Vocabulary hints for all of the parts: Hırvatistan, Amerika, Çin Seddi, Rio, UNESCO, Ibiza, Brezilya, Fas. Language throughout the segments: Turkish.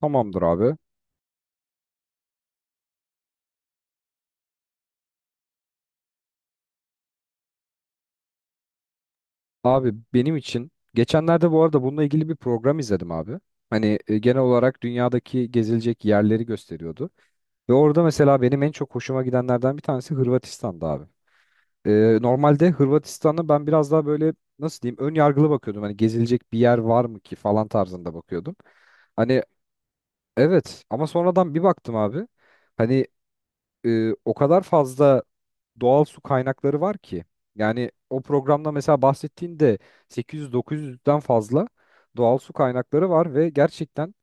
Tamamdır abi. Abi benim için geçenlerde bu arada bununla ilgili bir program izledim abi. Hani genel olarak dünyadaki gezilecek yerleri gösteriyordu. Ve orada mesela benim en çok hoşuma gidenlerden bir tanesi Hırvatistan'da abi. Normalde Hırvatistan'a ben biraz daha böyle nasıl diyeyim ön yargılı bakıyordum. Hani gezilecek bir yer var mı ki falan tarzında bakıyordum. Hani evet, ama sonradan bir baktım abi. Hani o kadar fazla doğal su kaynakları var ki. Yani o programda mesela bahsettiğinde 800-900'den fazla doğal su kaynakları var ve gerçekten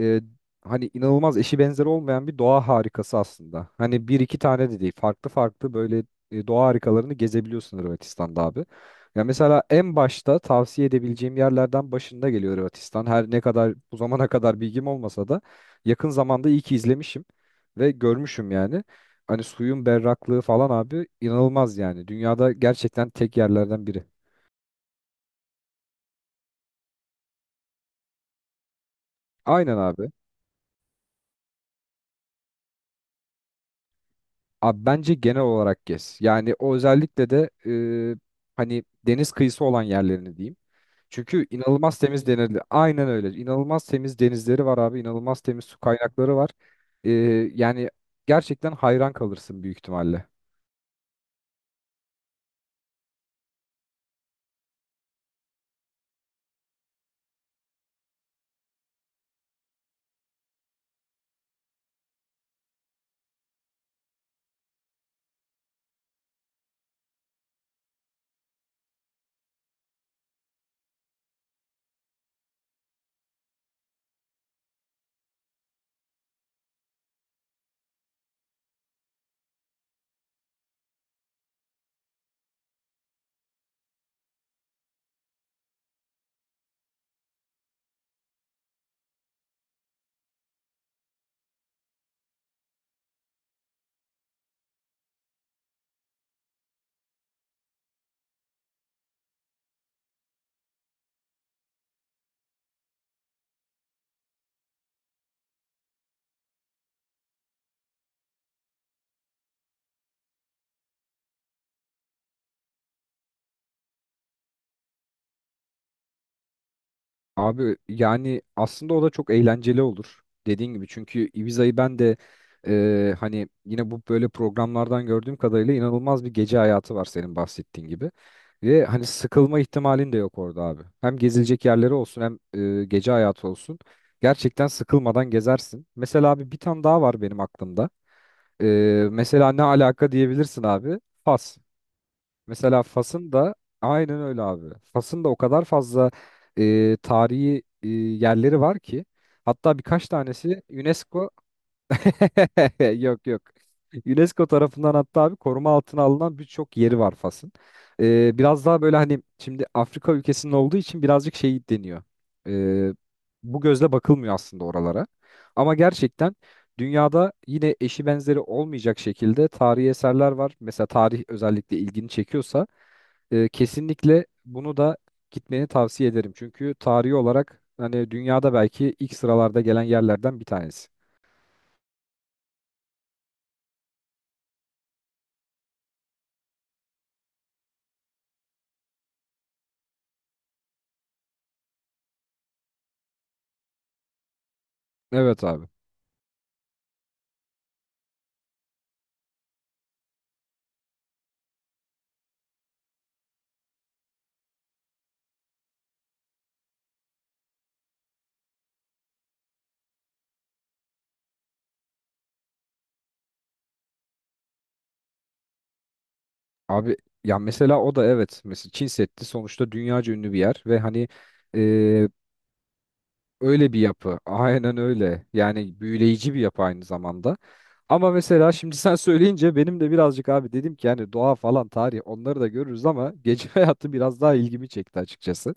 e, hani inanılmaz eşi benzeri olmayan bir doğa harikası aslında. Hani bir iki tane de değil. Farklı farklı böyle doğa harikalarını gezebiliyorsun Hırvatistan'da abi. Ya mesela en başta tavsiye edebileceğim yerlerden başında geliyor Hırvatistan. Her ne kadar bu zamana kadar bilgim olmasa da yakın zamanda iyi ki izlemişim ve görmüşüm yani. Hani suyun berraklığı falan abi inanılmaz yani. Dünyada gerçekten tek yerlerden biri. Aynen abi. Abi bence genel olarak gez. Yani o özellikle de e, hani deniz kıyısı olan yerlerini diyeyim. Çünkü inanılmaz temiz denizleri. Aynen öyle. İnanılmaz temiz denizleri var abi. İnanılmaz temiz su kaynakları var. E, Yani gerçekten hayran kalırsın büyük ihtimalle. Abi yani aslında o da çok eğlenceli olur. Dediğin gibi, çünkü Ibiza'yı ben de hani yine bu böyle programlardan gördüğüm kadarıyla inanılmaz bir gece hayatı var senin bahsettiğin gibi. Ve hani sıkılma ihtimalin de yok orada abi. Hem gezilecek yerleri olsun hem gece hayatı olsun. Gerçekten sıkılmadan gezersin. Mesela abi bir tane daha var benim aklımda. E, Mesela ne alaka diyebilirsin abi? Fas. Mesela Fas'ın da aynen öyle abi. Fas'ın da o kadar fazla tarihi yerleri var ki, hatta birkaç tanesi UNESCO. Yok yok. UNESCO tarafından hatta abi koruma altına alınan birçok yeri var Fas'ın. Biraz daha böyle hani şimdi Afrika ülkesinin olduğu için birazcık şey deniyor. E, Bu gözle bakılmıyor aslında oralara. Ama gerçekten dünyada yine eşi benzeri olmayacak şekilde tarihi eserler var. Mesela tarih özellikle ilgini çekiyorsa kesinlikle bunu da gitmeni tavsiye ederim. Çünkü tarihi olarak hani dünyada belki ilk sıralarda gelen yerlerden bir tanesi. Evet abi. Abi ya mesela o da evet. Mesela Çin Seddi sonuçta dünyaca ünlü bir yer ve hani e, öyle bir yapı. Aynen öyle. Yani büyüleyici bir yapı aynı zamanda. Ama mesela şimdi sen söyleyince benim de birazcık abi dedim ki yani doğa falan tarih onları da görürüz ama gece hayatı biraz daha ilgimi çekti açıkçası.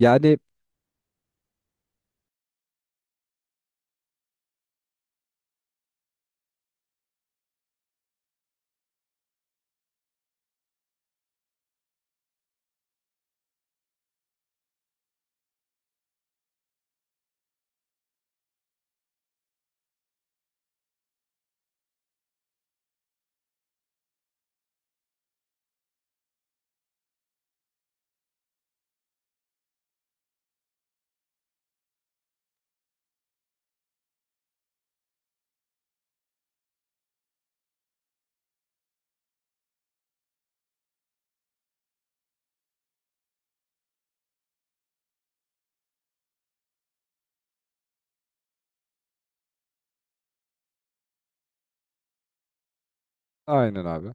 Yani aynen abi.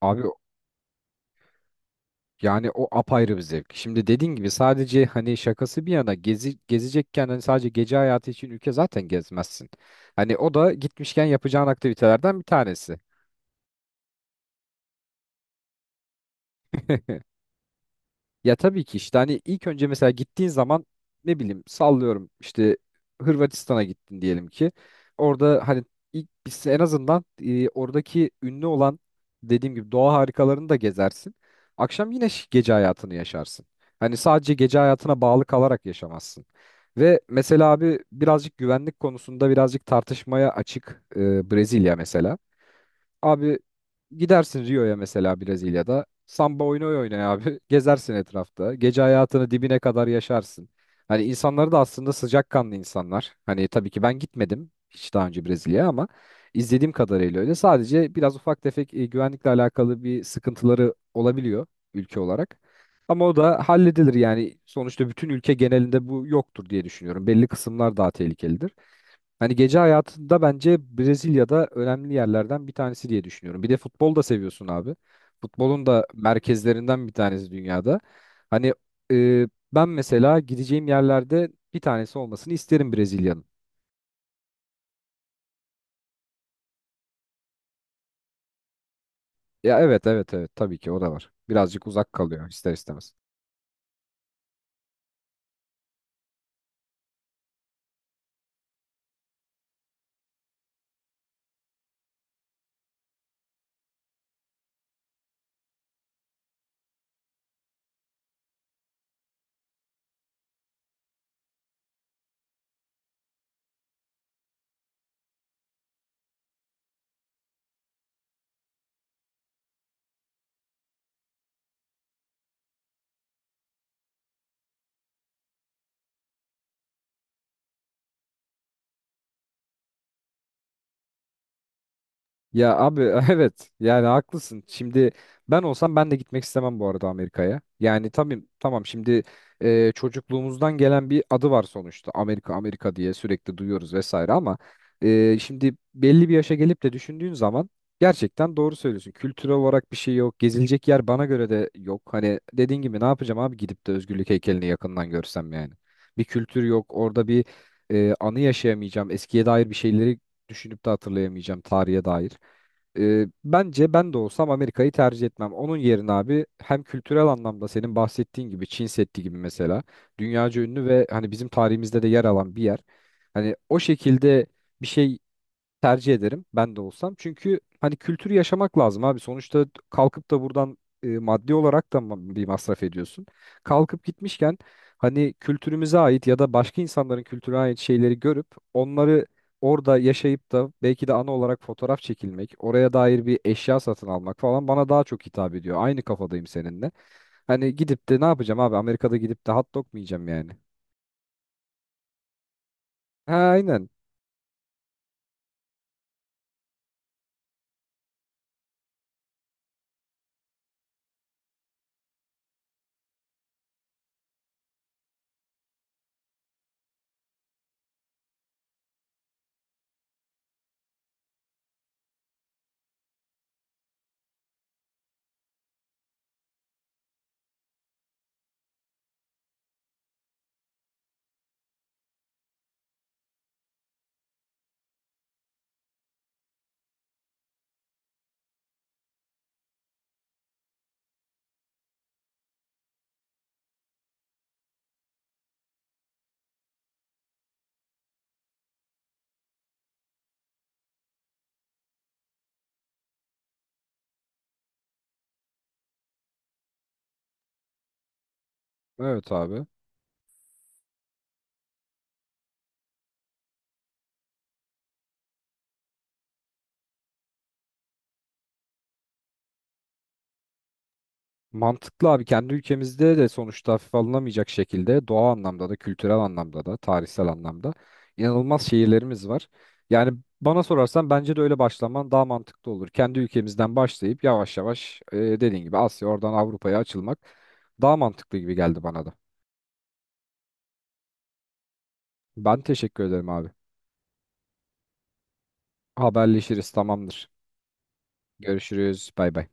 Abi yani o apayrı bir zevk. Şimdi dediğin gibi sadece hani şakası bir yana gezi, gezecekken hani sadece gece hayatı için ülke zaten gezmezsin. Hani o da gitmişken yapacağın aktivitelerden bir tanesi. Ya tabii ki işte hani ilk önce mesela gittiğin zaman ne bileyim sallıyorum işte Hırvatistan'a gittin diyelim ki. Orada hani ilk biz en azından oradaki ünlü olan dediğim gibi doğa harikalarını da gezersin. Akşam yine gece hayatını yaşarsın. Hani sadece gece hayatına bağlı kalarak yaşamazsın. Ve mesela abi birazcık güvenlik konusunda birazcık tartışmaya açık Brezilya mesela. Abi gidersin Rio'ya mesela Brezilya'da. Samba oyunu oynaya abi. Gezersin etrafta. Gece hayatını dibine kadar yaşarsın. Hani insanları da aslında sıcakkanlı insanlar. Hani tabii ki ben gitmedim hiç daha önce Brezilya'ya ama izlediğim kadarıyla öyle. Sadece biraz ufak tefek güvenlikle alakalı bir sıkıntıları olabiliyor ülke olarak. Ama o da halledilir yani, sonuçta bütün ülke genelinde bu yoktur diye düşünüyorum. Belli kısımlar daha tehlikelidir. Hani gece hayatında bence Brezilya'da önemli yerlerden bir tanesi diye düşünüyorum. Bir de futbol da seviyorsun abi. Futbolun da merkezlerinden bir tanesi dünyada. Hani e, ben mesela gideceğim yerlerde bir tanesi olmasını isterim Brezilya'nın. Ya evet, evet, evet, tabii ki o da var. Birazcık uzak kalıyor ister istemez. Ya abi evet, yani haklısın. Şimdi ben de gitmek istemem bu arada Amerika'ya. Yani tabii, tamam şimdi çocukluğumuzdan gelen bir adı var sonuçta. Amerika Amerika diye sürekli duyuyoruz vesaire ama şimdi belli bir yaşa gelip de düşündüğün zaman gerçekten doğru söylüyorsun. Kültürel olarak bir şey yok. Gezilecek yer bana göre de yok. Hani dediğin gibi ne yapacağım abi gidip de özgürlük heykelini yakından görsem yani. Bir kültür yok. Orada bir anı yaşayamayacağım. Eskiye dair bir şeyleri düşünüp de hatırlayamayacağım tarihe dair. Bence ben de olsam Amerika'yı tercih etmem. Onun yerine abi hem kültürel anlamda senin bahsettiğin gibi Çin Seddi gibi mesela dünyaca ünlü ve hani bizim tarihimizde de yer alan bir yer. Hani o şekilde bir şey tercih ederim ben de olsam. Çünkü hani kültürü yaşamak lazım abi. Sonuçta kalkıp da buradan maddi olarak da bir masraf ediyorsun. Kalkıp gitmişken hani kültürümüze ait ya da başka insanların kültürüne ait şeyleri görüp onları orada yaşayıp da belki de ana olarak fotoğraf çekilmek, oraya dair bir eşya satın almak falan bana daha çok hitap ediyor. Aynı kafadayım seninle. Hani gidip de ne yapacağım abi? Amerika'da gidip de hot dog mu yiyeceğim yani? Ha aynen. Evet abi. Mantıklı abi, kendi ülkemizde de sonuçta hafife alınamayacak şekilde doğa anlamda da kültürel anlamda da tarihsel anlamda inanılmaz şehirlerimiz var. Yani bana sorarsan bence de öyle başlaman daha mantıklı olur. Kendi ülkemizden başlayıp yavaş yavaş dediğin gibi Asya oradan Avrupa'ya açılmak daha mantıklı gibi geldi bana da. Ben teşekkür ederim abi. Haberleşiriz tamamdır. Görüşürüz bay bay.